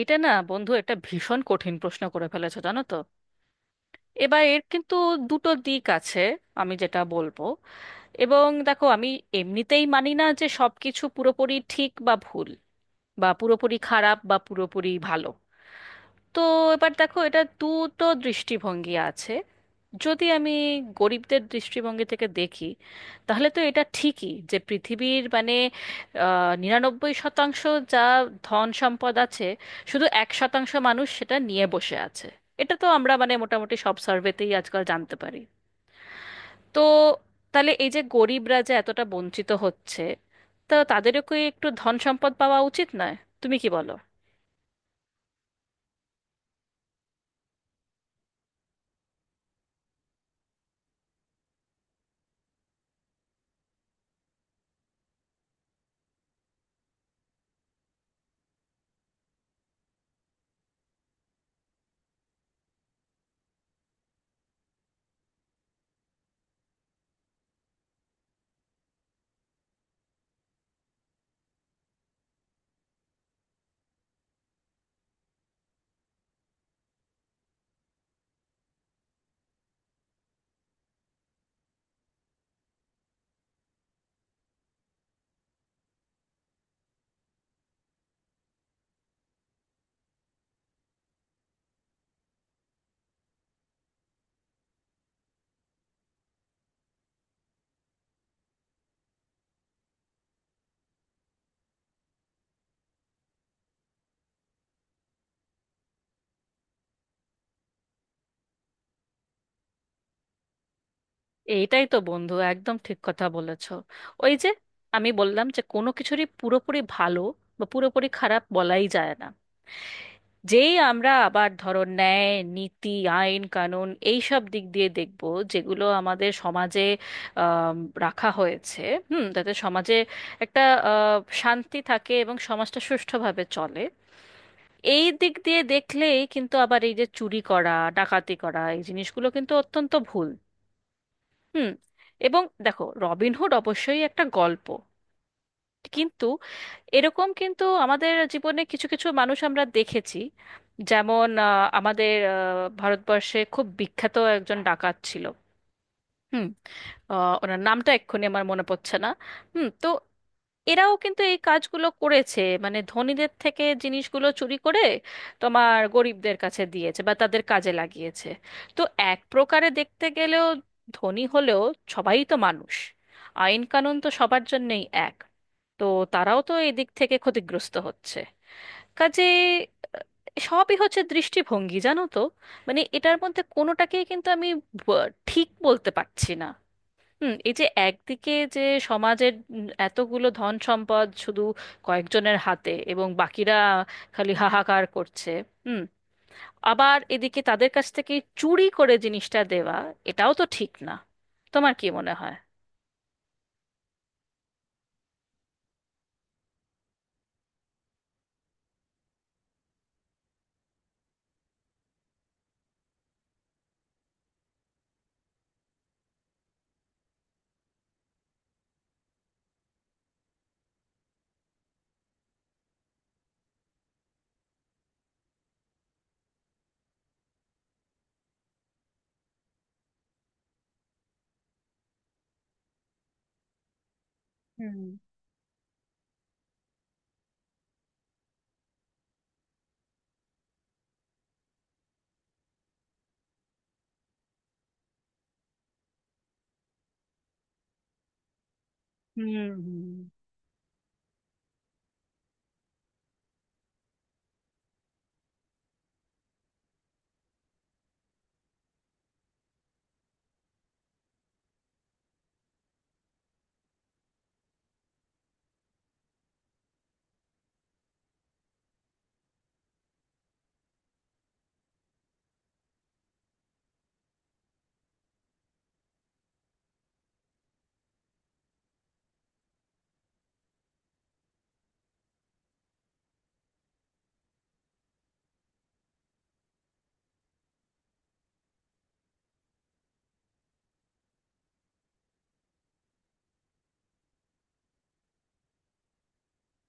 এটা না বন্ধু, একটা ভীষণ কঠিন প্রশ্ন করে ফেলেছো, জানো তো। এবার এর কিন্তু দুটো দিক আছে। আমি যেটা বলবো, এবং দেখো, আমি এমনিতেই মানি না যে সবকিছু পুরোপুরি ঠিক বা ভুল বা পুরোপুরি খারাপ বা পুরোপুরি ভালো। তো এবার দেখো, এটা দুটো দৃষ্টিভঙ্গি আছে। যদি আমি গরিবদের দৃষ্টিভঙ্গি থেকে দেখি, তাহলে তো এটা ঠিকই যে পৃথিবীর মানে 99% যা ধন সম্পদ আছে, শুধু 1% মানুষ সেটা নিয়ে বসে আছে। এটা তো আমরা মানে মোটামুটি সব সার্ভেতেই আজকাল জানতে পারি। তো তাহলে এই যে গরিবরা যে এতটা বঞ্চিত হচ্ছে, তা তাদেরও কি একটু ধন সম্পদ পাওয়া উচিত নয়? তুমি কি বলো? এইটাই তো বন্ধু, একদম ঠিক কথা বলেছ। ওই যে আমি বললাম যে কোনো কিছুরই পুরোপুরি ভালো বা পুরোপুরি খারাপ বলাই যায় না। যেই আমরা আবার ধরো ন্যায় নীতি, আইন কানুন এই সব দিক দিয়ে দেখব, যেগুলো আমাদের সমাজে আম, রাখা হয়েছে, হুম, যাতে সমাজে একটা আ, শান্তি থাকে এবং সমাজটা সুষ্ঠুভাবে চলে, এই দিক দিয়ে দেখলেই কিন্তু আবার এই যে চুরি করা, ডাকাতি করা, এই জিনিসগুলো কিন্তু অত্যন্ত ভুল। হুম। এবং দেখো, রবিনহুড অবশ্যই একটা গল্প, কিন্তু এরকম কিন্তু আমাদের জীবনে কিছু কিছু মানুষ আমরা দেখেছি। যেমন আমাদের ভারতবর্ষে খুব বিখ্যাত একজন ডাকাত ছিল। হুম। ওনার নামটা এক্ষুনি আমার মনে পড়ছে না। হুম। তো এরাও কিন্তু এই কাজগুলো করেছে, মানে ধনীদের থেকে জিনিসগুলো চুরি করে তোমার গরিবদের কাছে দিয়েছে বা তাদের কাজে লাগিয়েছে। তো এক প্রকারে দেখতে গেলেও, ধনী হলেও সবাই তো মানুষ, আইন কানুন তো সবার জন্যই এক। তো তারাও তো এই দিক থেকে ক্ষতিগ্রস্ত হচ্ছে। কাজে সবই হচ্ছে দৃষ্টিভঙ্গি, জানো তো। মানে এটার মধ্যে কোনোটাকেই কিন্তু আমি ঠিক বলতে পারছি না। হুম। এই যে একদিকে যে সমাজের এতগুলো ধন সম্পদ শুধু কয়েকজনের হাতে এবং বাকিরা খালি হাহাকার করছে, হুম, আবার এদিকে তাদের কাছ থেকে চুরি করে জিনিসটা দেওয়া, এটাও তো ঠিক না। তোমার কি মনে হয়? হুম, হুম, হুম,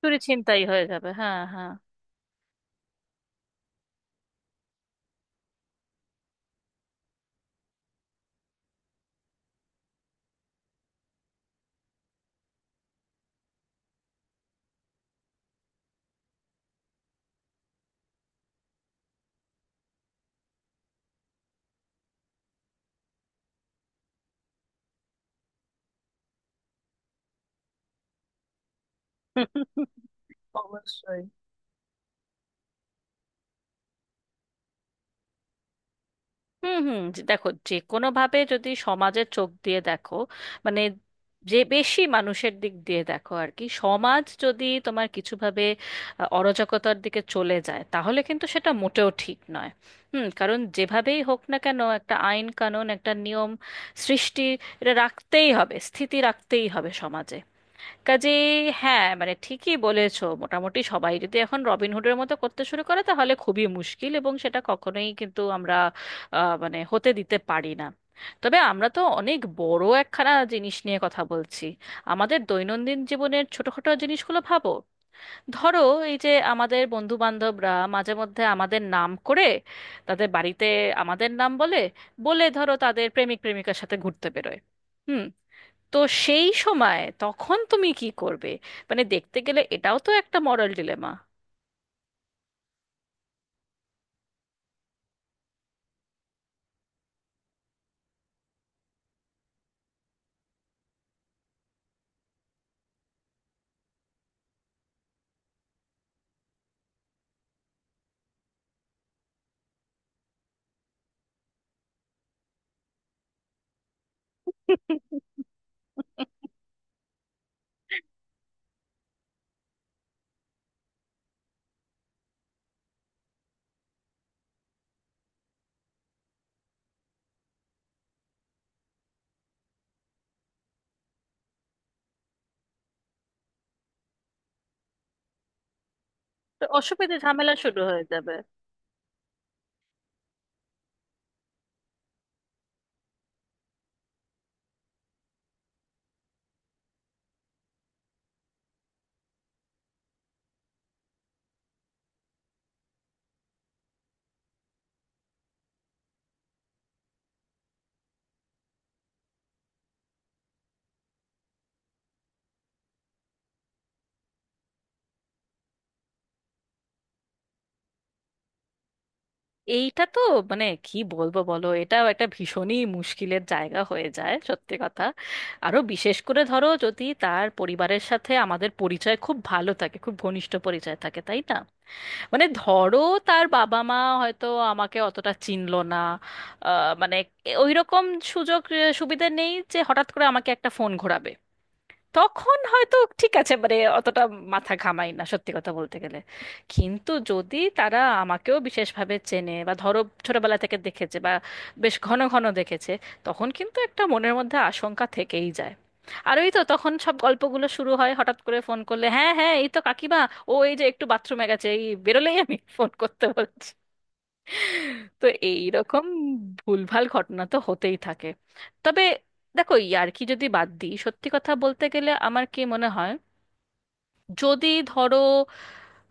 চুরি ছিনতাই হয়ে যাবে, হ্যাঁ হ্যাঁ। অবশ্যই। হুম, হুম। দেখো, যে কোনো ভাবে যদি সমাজের চোখ দিয়ে দেখো, মানে যে বেশি মানুষের দিক দিয়ে দেখো আর কি, সমাজ যদি তোমার কিছু ভাবে অরাজকতার দিকে চলে যায়, তাহলে কিন্তু সেটা মোটেও ঠিক নয়। হুম। কারণ যেভাবেই হোক না কেন একটা আইন কানুন, একটা নিয়ম সৃষ্টি, এটা রাখতেই হবে, স্থিতি রাখতেই হবে সমাজে। কাজেই হ্যাঁ, মানে ঠিকই বলেছো, মোটামুটি সবাই যদি এখন রবিনহুডের মতো করতে শুরু করে তাহলে খুবই মুশকিল, এবং সেটা কখনোই কিন্তু আমরা মানে হতে দিতে পারি না। তবে আমরা তো অনেক বড় একখানা জিনিস নিয়ে কথা বলছি। আমাদের দৈনন্দিন জীবনের ছোটখাটো জিনিসগুলো ভাবো। ধরো এই যে আমাদের বন্ধু বান্ধবরা মাঝে মধ্যে আমাদের নাম করে তাদের বাড়িতে আমাদের নাম বলে, বলে ধরো তাদের প্রেমিক প্রেমিকার সাথে ঘুরতে বেরোয়। হুম। তো সেই সময় তখন তুমি কি করবে? মানে দেখতে গেলে এটাও তো একটা মরাল ডিলেমা। তো অসুবিধে ঝামেলা শুরু হয়ে যাবে। এইটা তো মানে কি বলবো বলো, এটাও একটা ভীষণই মুশকিলের জায়গা হয়ে যায় সত্যি কথা। আরো বিশেষ করে ধরো যদি তার পরিবারের সাথে আমাদের পরিচয় খুব ভালো থাকে, খুব ঘনিষ্ঠ পরিচয় থাকে, তাই না? মানে ধরো তার বাবা মা হয়তো আমাকে অতটা চিনলো না, মানে ওই রকম সুযোগ সুবিধা নেই যে হঠাৎ করে আমাকে একটা ফোন ঘোরাবে, তখন হয়তো ঠিক আছে, মানে অতটা মাথা ঘামাই না সত্যি কথা বলতে গেলে। কিন্তু যদি তারা আমাকেও বিশেষভাবে চেনে বা ধরো ছোটবেলা থেকে দেখেছে বা বেশ ঘন ঘন দেখেছে, তখন কিন্তু একটা মনের মধ্যে আশঙ্কা থেকেই যায়। আর ওই তো তখন সব গল্পগুলো শুরু হয়, হঠাৎ করে ফোন করলে হ্যাঁ হ্যাঁ এই তো কাকিমা, ও এই যে একটু বাথরুমে গেছে, এই বেরোলেই আমি ফোন করতে বলছি। তো এইরকম ভুলভাল ঘটনা তো হতেই থাকে। তবে দেখো, ইয়ার্কি যদি বাদ দিই সত্যি কথা বলতে গেলে আমার কি মনে হয়, যদি ধরো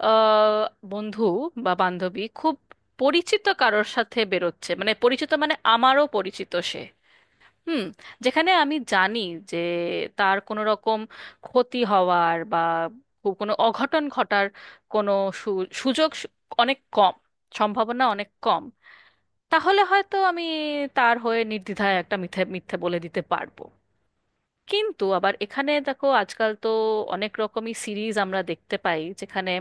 আহ, বন্ধু বা বান্ধবী খুব পরিচিত কারোর সাথে বেরোচ্ছে, মানে পরিচিত মানে আমারও পরিচিত সে, হুম, যেখানে আমি জানি যে তার কোনো রকম ক্ষতি হওয়ার বা খুব কোনো অঘটন ঘটার কোনো সুযোগ অনেক কম, সম্ভাবনা অনেক কম, তাহলে হয়তো আমি তার হয়ে নির্দ্বিধায় একটা মিথ্যে মিথ্যে বলে দিতে পারবো। কিন্তু আবার এখানে দেখো, আজকাল তো অনেক রকমই সিরিজ আমরা দেখতে পাই, যেখানে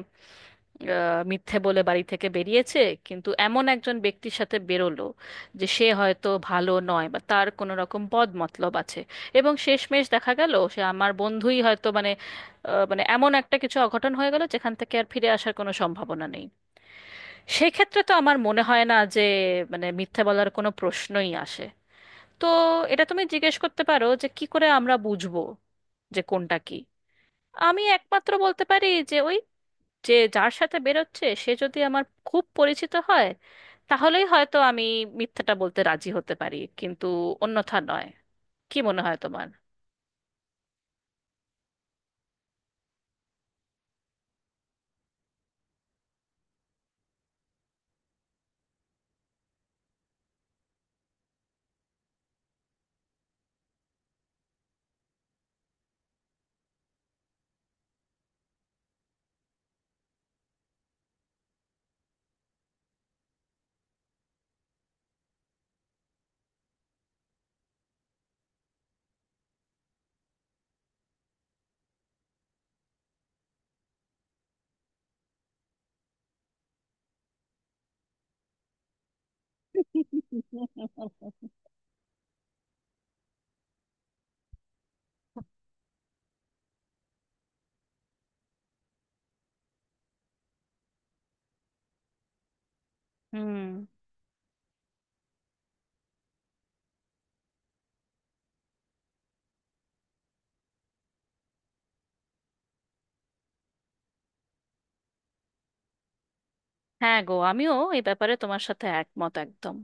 মিথ্যে বলে বাড়ি থেকে বেরিয়েছে কিন্তু এমন একজন ব্যক্তির সাথে বেরোলো যে সে হয়তো ভালো নয় বা তার কোনো রকম বদ মতলব আছে, এবং শেষমেশ দেখা গেল সে আমার বন্ধুই হয়তো মানে মানে এমন একটা কিছু অঘটন হয়ে গেল যেখান থেকে আর ফিরে আসার কোনো সম্ভাবনা নেই। সেক্ষেত্রে তো আমার মনে হয় না যে মানে মিথ্যে বলার কোনো প্রশ্নই আসে। তো এটা তুমি জিজ্ঞেস করতে পারো যে কি করে আমরা বুঝবো যে কোনটা কি। আমি একমাত্র বলতে পারি যে ওই যে যার সাথে বেরোচ্ছে সে যদি আমার খুব পরিচিত হয়, তাহলেই হয়তো আমি মিথ্যাটা বলতে রাজি হতে পারি, কিন্তু অন্যথা নয়। কি মনে হয় তোমার? হুম, হ্যাঁ গো, আমিও এই ব্যাপারে তোমার সাথে একমত একদম।